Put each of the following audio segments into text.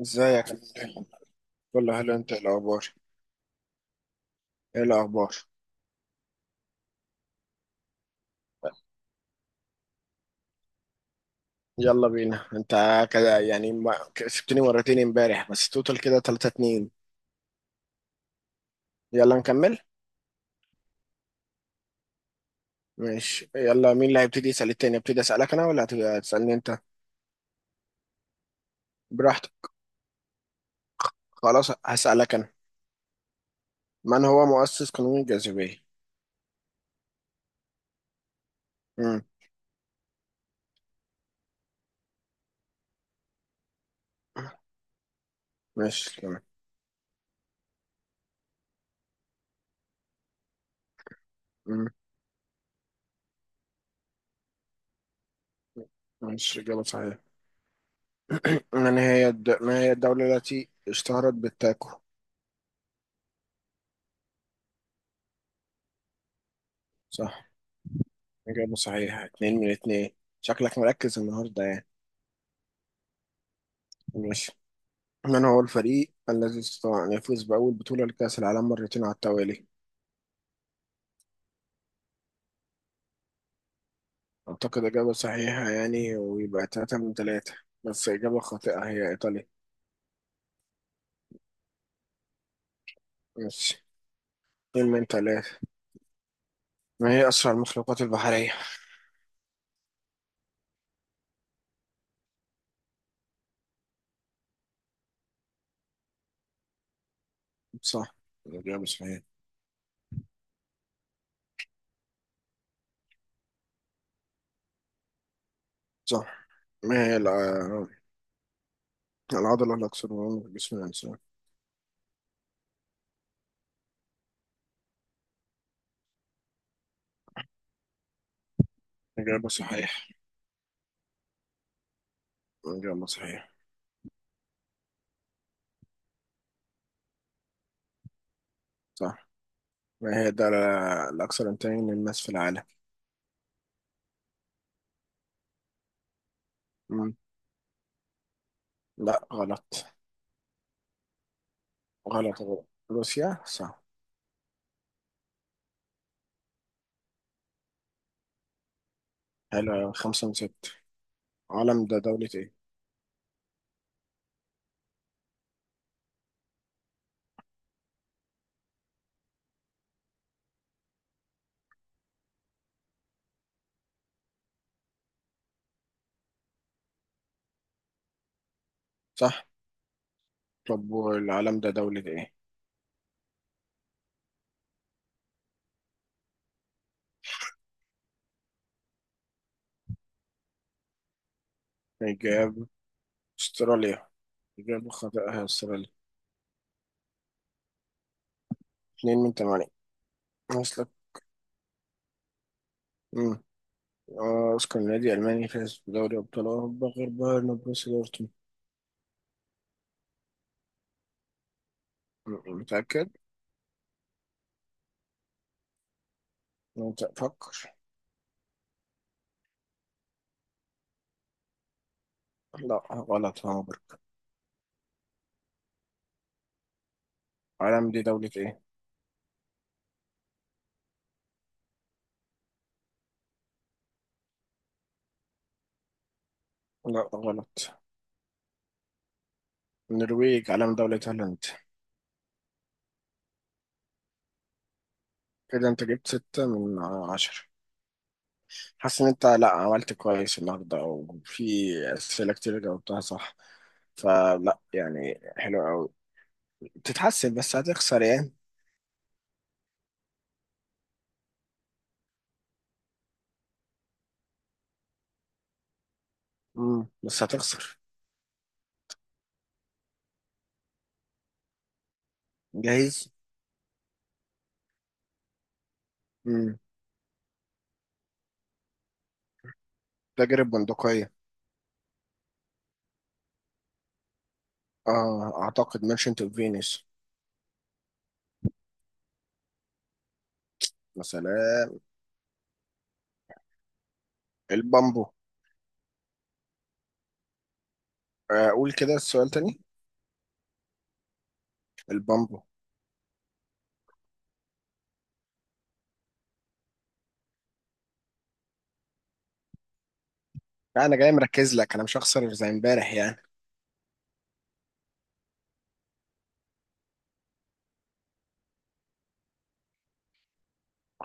ازيك؟ كله حلو. انت ايه الاخبار؟ ايه الاخبار؟ يلا بينا انت. كده يعني ما كسبتني مرتين امبارح بس توتال كده 3-2. يلا نكمل. ماشي. يلا، مين اللي هيبتدي يسأل التاني؟ ابتدي اسألك انا ولا هتسألني انت؟ براحتك. خلاص، هسألك انا. من هو مؤسس قانون الجاذبية؟ امم. ماشي تمام. امم. ماشي، اجابة صحيحة. ما هي الدولة التي اشتهرت بالتاكو؟ صح. اجابة صحيحة، اتنين من اتنين. شكلك مركز النهاردة يعني. ماشي. من هو الفريق الذي استطاع أن يفوز بأول بطولة لكأس العالم مرتين على التوالي؟ أعتقد إجابة صحيحة يعني، ويبقى تلاتة من تلاتة. بس إجابة خاطئة، هي إيطاليا. ماشي. اتنين من تلاتة. ما هي أسرع المخلوقات البحرية؟ صح. إجابة صحيحة. صح. ما هي العضلة الأكثر مرونة في جسم الإنسان؟ إجابة صحيحة. إجابة صحيحة. صح. ما هي الدولة الأكثر إنتاجا للماس في العالم؟ مم. لا، غلط. غلط غلط. روسيا صح. حلو أوي. خمسة من ستة. العالم ده دولة ايه؟ صح. طب والعالم ده دولة ايه؟ إجابة. استراليا. إجابة خاطئة، استراليا. اتنين من تمانية. وصلت. مم. أوسكار، نادي ألماني فاز بدوري أبطال أوروبا غير بايرن وبروسيا دورتموند. متأكد؟ فكر. لا، غلط. هامبورغ. العالم دي دولة ايه؟ لا، غلط. النرويج. علم دولة هولندا. كده انت جبت ستة من عشرة. حاسس ان انت، لا، عملت كويس النهارده وفي أسئلة كتير جاوبتها صح. فلا يعني، حلو قوي. بتتحسن بس هتخسر يعني. بس هتخسر. جاهز. امم. تجربة بندقية. اه، اعتقد ميرشنت اوف فينيس. مثلا. البامبو. اقول كده السؤال تاني. البامبو. لا، انا جاي مركز لك، انا مش هخسر زي امبارح يعني.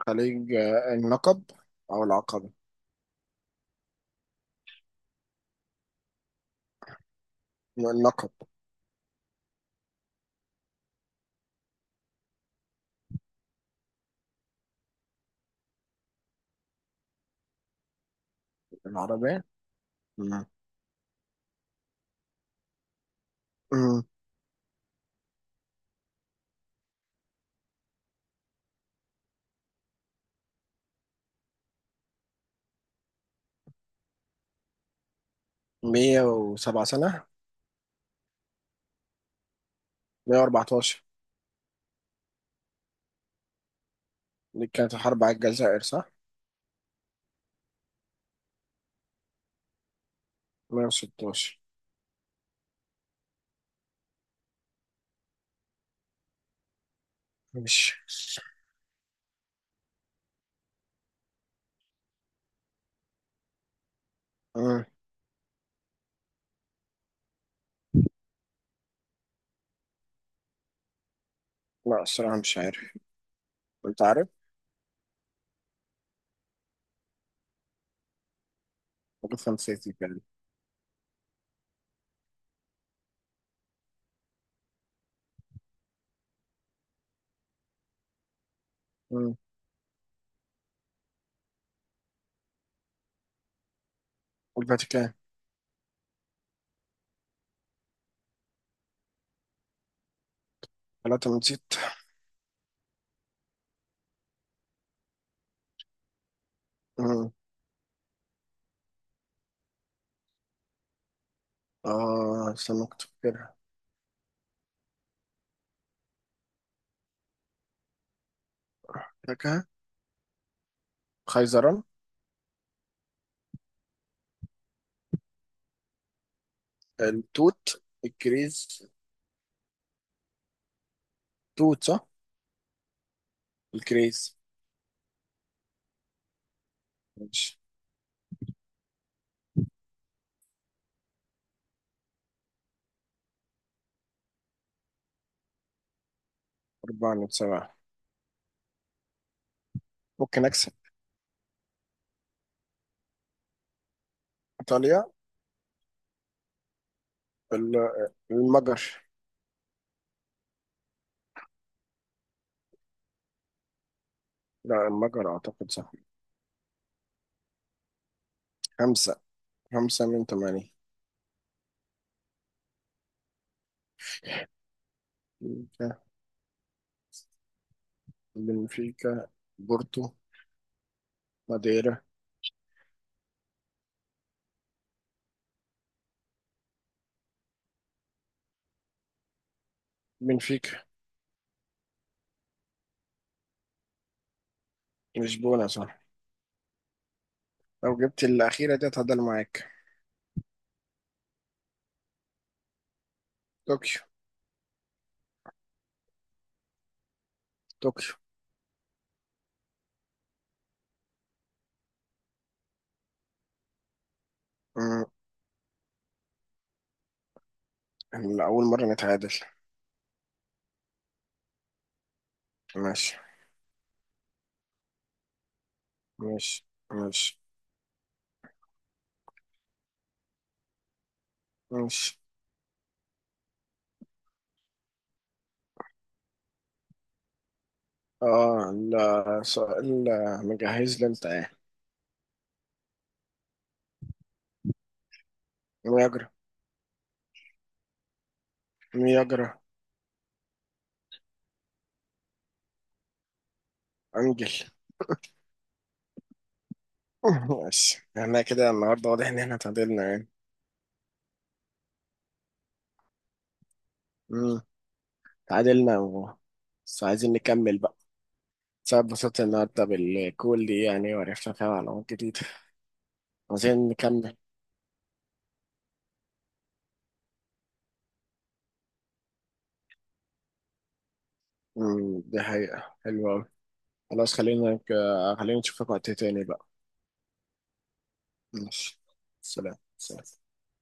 خليج النقب. او العقبة. النقب. العربية. مم. مم. 107 سنة. 114. دي كانت الحرب على الجزائر، صح؟ 116. ماشي. لا، الصراحة مش عارف. أنت عارف؟ الفاتيكان سيتي يعني. مم. والفاتيكان. ثلاثة، نسيت. مم. استنى، كنت فاكرها. فاكرها. خيزران. التوت. الكريز. توت صح؟ الكريز. ماشي. أربعة من سبعة. ممكن أكسب. إيطاليا. المجر. لا، المجر أعتقد صح. خمسة. خمسة من ثمانية. بنفيكا. بنفيكا. بورتو. ماديرا. بنفيكا. لشبونة صح. لو جبت الأخيرة دي هتعادل معاك. طوكيو. طوكيو. مم. إحنا أول مرة نتعادل. ماشي. ماشي، ماشي. ماشي. آه، لا، سؤال مجهز لي أنت إيه؟ مياجرا. مياجرا. أنجل. ماشي، إحنا كده النهاردة واضح إن إحنا تعادلنا يعني. مم. تعادلنا و بس عايزين نكمل بقى. سبب بسيطة النهاردة بالكول دي يعني وعرفنا فيها معلومات جديدة. عايزين نكمل. مم. دي حقيقة حلوة أوي. خلاص، خلينا. خلينا نشوفك وقت تاني بقى. ماشي. سلام، سلام.